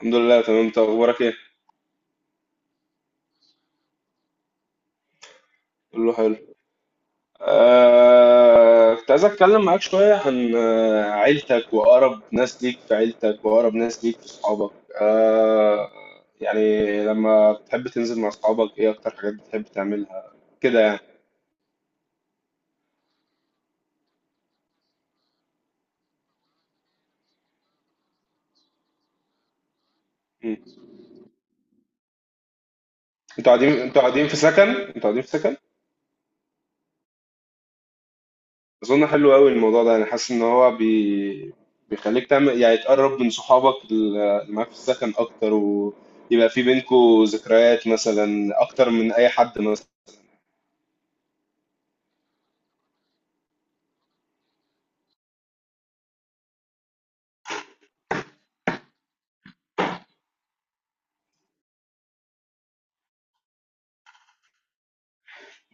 الحمد لله تمام، انت اخبارك ايه؟ كله حلو. كنت عايز اتكلم معاك شويه عن عيلتك واقرب ناس ليك في عيلتك واقرب ناس ليك في صحابك. آه... يعني لما بتحب تنزل مع صحابك، ايه اكتر حاجات بتحب تعملها كده يعني. مم. انتوا قاعدين في سكن؟ أظن حلو أوي الموضوع ده. أنا حاسس إن بيخليك تعمل يعني تقرب من صحابك اللي معاك في السكن أكتر، ويبقى في بينكوا ذكريات مثلا، أكتر من أي حد مثلا.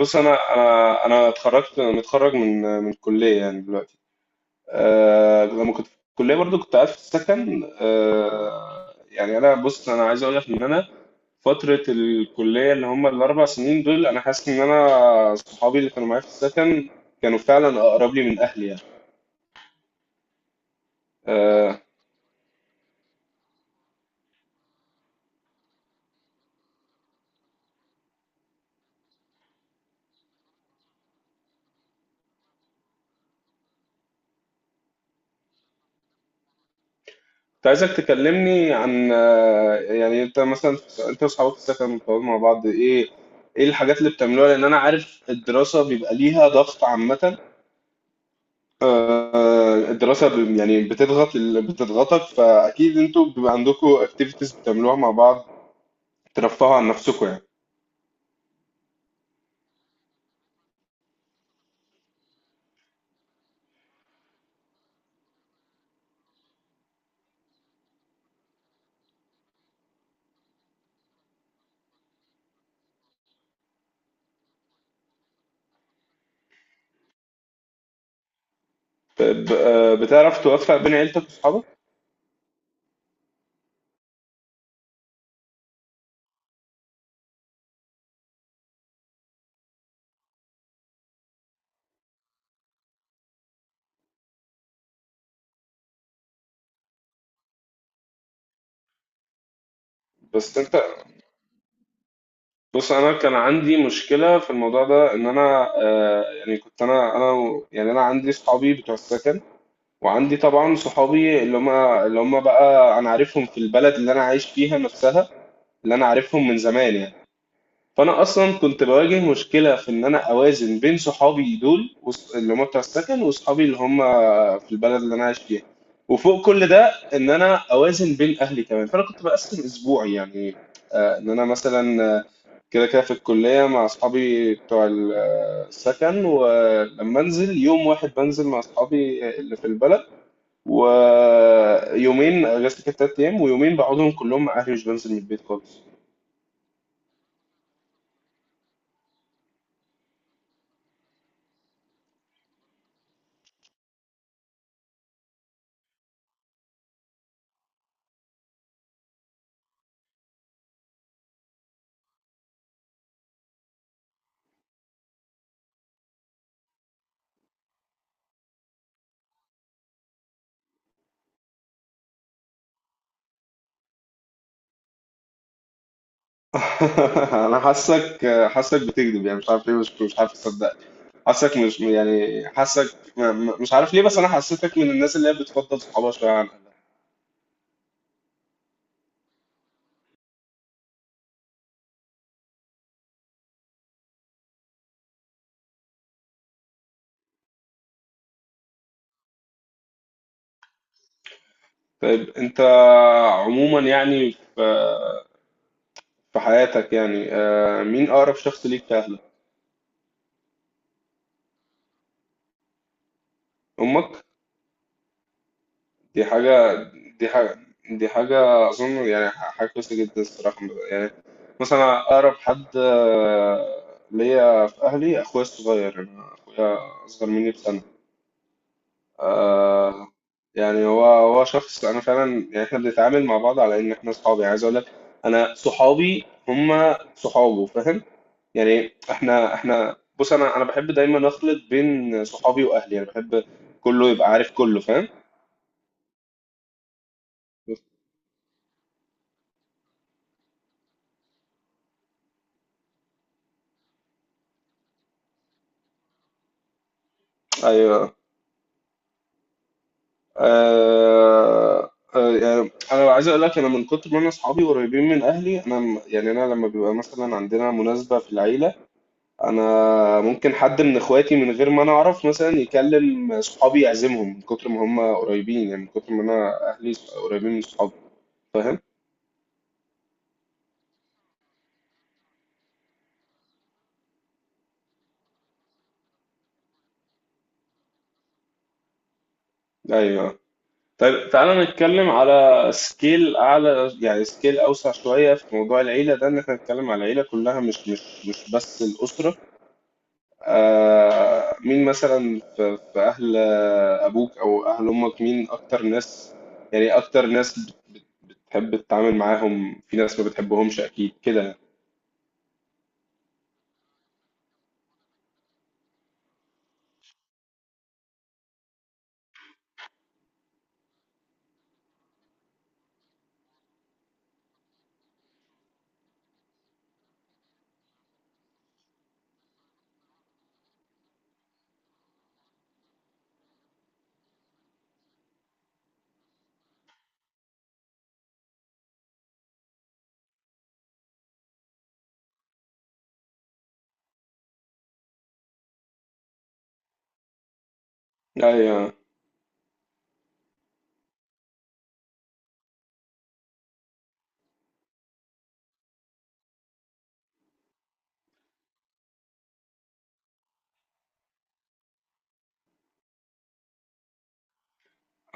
بص، أنا اتخرجت متخرج من الكلية يعني دلوقتي. لما كنت في الكلية برضو كنت قاعد في السكن. يعني أنا، بص، أنا عايز أقول لك إن أنا فترة الكلية اللي هم ال4 سنين دول، أنا حاسس إن أنا صحابي اللي كانوا معايا في السكن كانوا فعلا أقرب لي من أهلي يعني. آه، كنت عايزك تكلمني عن يعني انت مثلا، انت واصحابك في السكن بتقعدوا مع بعض ايه؟ ايه الحاجات اللي بتعملوها؟ لان انا عارف الدراسة بيبقى ليها ضغط عامة. الدراسة يعني بتضغط، بتضغطك، فاكيد انتوا بيبقى عندكم اكتيفيتيز بتعملوها مع بعض، ترفهوا عن نفسكم يعني. بتعرف توفق بين عيلتك واصحابك؟ بس انت، بص، انا كان عندي مشكلة في الموضوع ده، ان انا يعني كنت يعني انا عندي اصحابي بتوع السكن، وعندي طبعا صحابي اللي هما بقى انا عارفهم في البلد اللي انا عايش فيها نفسها، اللي انا عارفهم من زمان يعني. فانا اصلا كنت بواجه مشكله في ان انا اوازن بين صحابي دول اللي هم بتوع السكن، وصحابي اللي هم في البلد اللي انا عايش فيها. وفوق كل ده، ان انا اوازن بين اهلي كمان. فانا كنت بقسم اسبوعي يعني، ان انا مثلا كده كده في الكليه مع اصحابي بتوع السكن، ولما انزل يوم واحد بنزل مع اصحابي اللي في البلد. ويومين، اجازتي كانت 3 ايام، ويومين بقعدهم كلهم مع اهلي، مش بنزل من البيت خالص. انا حاسك بتكذب يعني، مش عارف ليه، مش عارف اصدق. حاسك مش، يعني حاسك مش عارف ليه، بس انا حسيتك من الناس اللي هي بتفضل صحابها شويه عن اهلها. طيب انت عموما يعني في في حياتك يعني، مين اقرب شخص ليك في اهلك؟ امك. دي حاجة، دي حاجة، دي حاجة أظن يعني حاجة كويسة جدا الصراحة يعني. مثلا أقرب حد ليا في أهلي أخويا الصغير، أنا أخويا أصغر مني بسنة. آه، يعني هو هو شخص أنا فعلا، يعني إحنا بنتعامل مع بعض على إن إحنا صحابي. عايز أقول لك أنا صحابي هما صحابه، فاهم؟ يعني احنا بص، انا بحب دايما اخلط بين صحابي واهلي، يعني بحب كله يبقى عارف، كله فاهم. ايوه. يعني انا عايز اقول لك، انا من كتر ما انا اصحابي قريبين من اهلي، انا يعني انا لما بيبقى مثلا عندنا مناسبه في العيله، انا ممكن حد من اخواتي من غير ما انا اعرف مثلا يكلم صحابي يعزمهم من كتر ما هم قريبين، يعني من كتر ما انا اهلي قريبين من صحابي، فاهم؟ ايوه. طيب تعالى نتكلم على سكيل اعلى، يعني سكيل اوسع شويه في موضوع العيله ده، ان احنا نتكلم على العيله كلها مش بس الاسره. مين مثلا في في أهل أبوك أو أهل أمك، مين أكتر ناس يعني، إيه أكتر ناس بتحب تتعامل معاهم؟ في ناس ما بتحبهمش أكيد كده يعني. أيوة.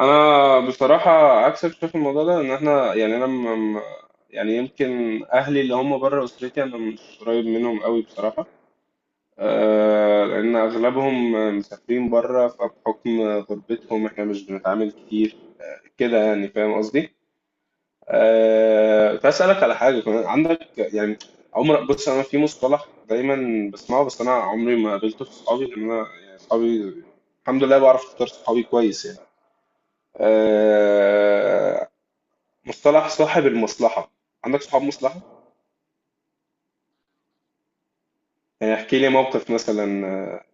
أنا بصراحة عكسك، شايف الموضوع ده إن إحنا يعني أنا يعني يمكن أهلي اللي هم بره أسرتي أنا مش قريب منهم قوي بصراحة. لأن أغلبهم مسافرين بره، فبحكم غربتهم إحنا مش بنتعامل كتير كده يعني. فاهم قصدي؟ كنت عايز اسالك على حاجه كمان عندك يعني عمر. بص، انا في مصطلح دايما بسمعه بس انا عمري ما قابلته في صحابي، لان انا يعني صحابي الحمد لله بعرف اختار صحابي كويس يعني. أه... مصطلح صاحب المصلحه، عندك صحاب مصلحه؟ يعني احكي لي موقف مثلا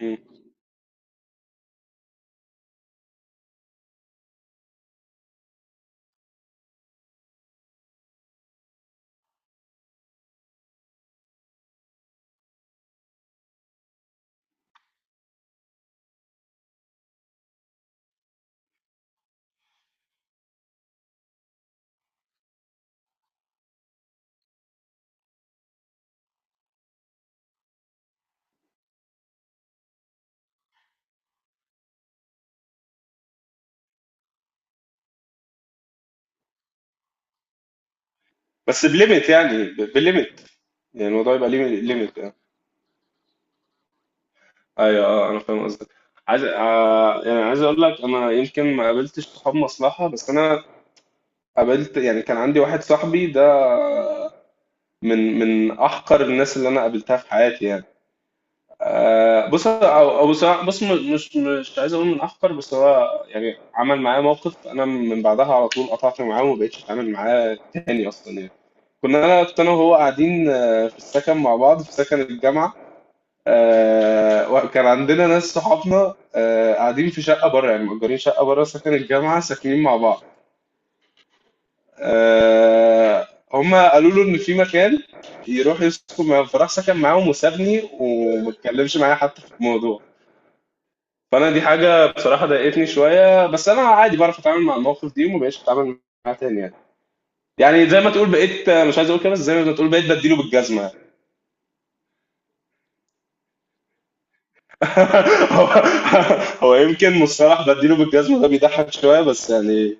مم. بس بليمت، يعني الموضوع يبقى ليه ليميت يعني. ايوه، اه، انا فاهم قصدك. عايز آه يعني عايز اقول لك، انا يمكن ما قابلتش صحاب مصلحه، بس انا قابلت، يعني كان عندي واحد صاحبي ده من احقر الناس اللي انا قابلتها في حياتي يعني. بص، أو بص مش مش عايز اقول من احقر، بس هو يعني عمل معايا موقف، انا من بعدها على طول قطعت معاه وما بقتش اتعامل معاه تاني اصلا يعني. كنا انا كنت انا وهو قاعدين في السكن مع بعض في سكن الجامعه. وكان عندنا ناس صحابنا قاعدين في شقه بره، يعني مأجرين شقه بره سكن الجامعه ساكنين مع بعض. آه هم قالوا له ان في مكان يروح يسكن معاهم، فراح سكن معاهم وسابني وما اتكلمش معايا حتى في الموضوع. فانا دي حاجه بصراحه ضايقتني شويه، بس انا عادي بعرف اتعامل مع المواقف دي وما بقتش اتعامل معاها تاني يعني. يعني زي ما تقول بقيت مش عايز اقول كده، بس زي ما تقول بقيت بديله بالجزمه. هو هو يمكن مصطلح بديله بالجزمه ده بيضحك شويه بس يعني.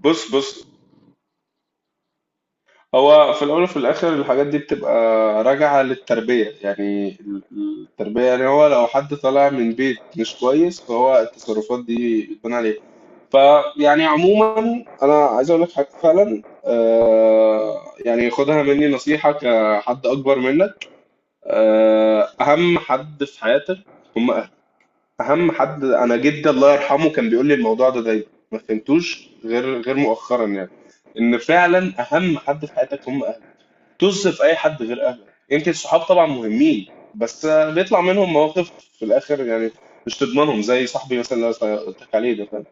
بص، هو في الأول وفي الآخر الحاجات دي بتبقى راجعة للتربية. يعني التربية، يعني هو لو حد طالع من بيت مش كويس فهو التصرفات دي بتكون عليه. فيعني عموما أنا عايز أقول لك حاجة فعلا يعني، خدها مني نصيحة كحد أكبر منك. أهم حد في حياتك هم أهلك. أهم حد، أنا جدي الله يرحمه كان بيقول لي الموضوع ده دايما، ما فهمتوش غير مؤخرا يعني، إن فعلا أهم حد في حياتك هم أهلك. طز في أي حد غير أهلك، يمكن الصحاب طبعا مهمين بس بيطلع منهم مواقف في الآخر يعني، مش تضمنهم زي صاحبي مثلا اللي أنا قلت لك عليه ده، فاهم؟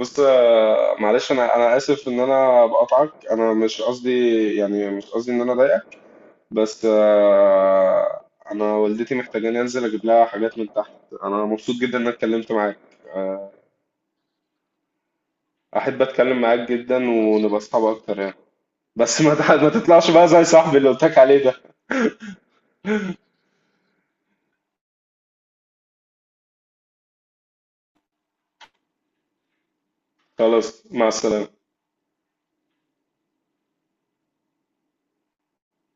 بص معلش، أنا آسف إن أنا بقطعك، أنا مش قصدي يعني مش قصدي إن أنا أضايقك، بس أنا والدتي محتاجاني أنزل أجيب لها حاجات من تحت. أنا مبسوط جدا إن أنا اتكلمت معاك، أحب أتكلم معاك جدا ونبقى أصحاب أكتر يعني. بس ما تطلعش بقى زي صاحبي اللي قلت لك عليه ده. خلاص، مع السلامة.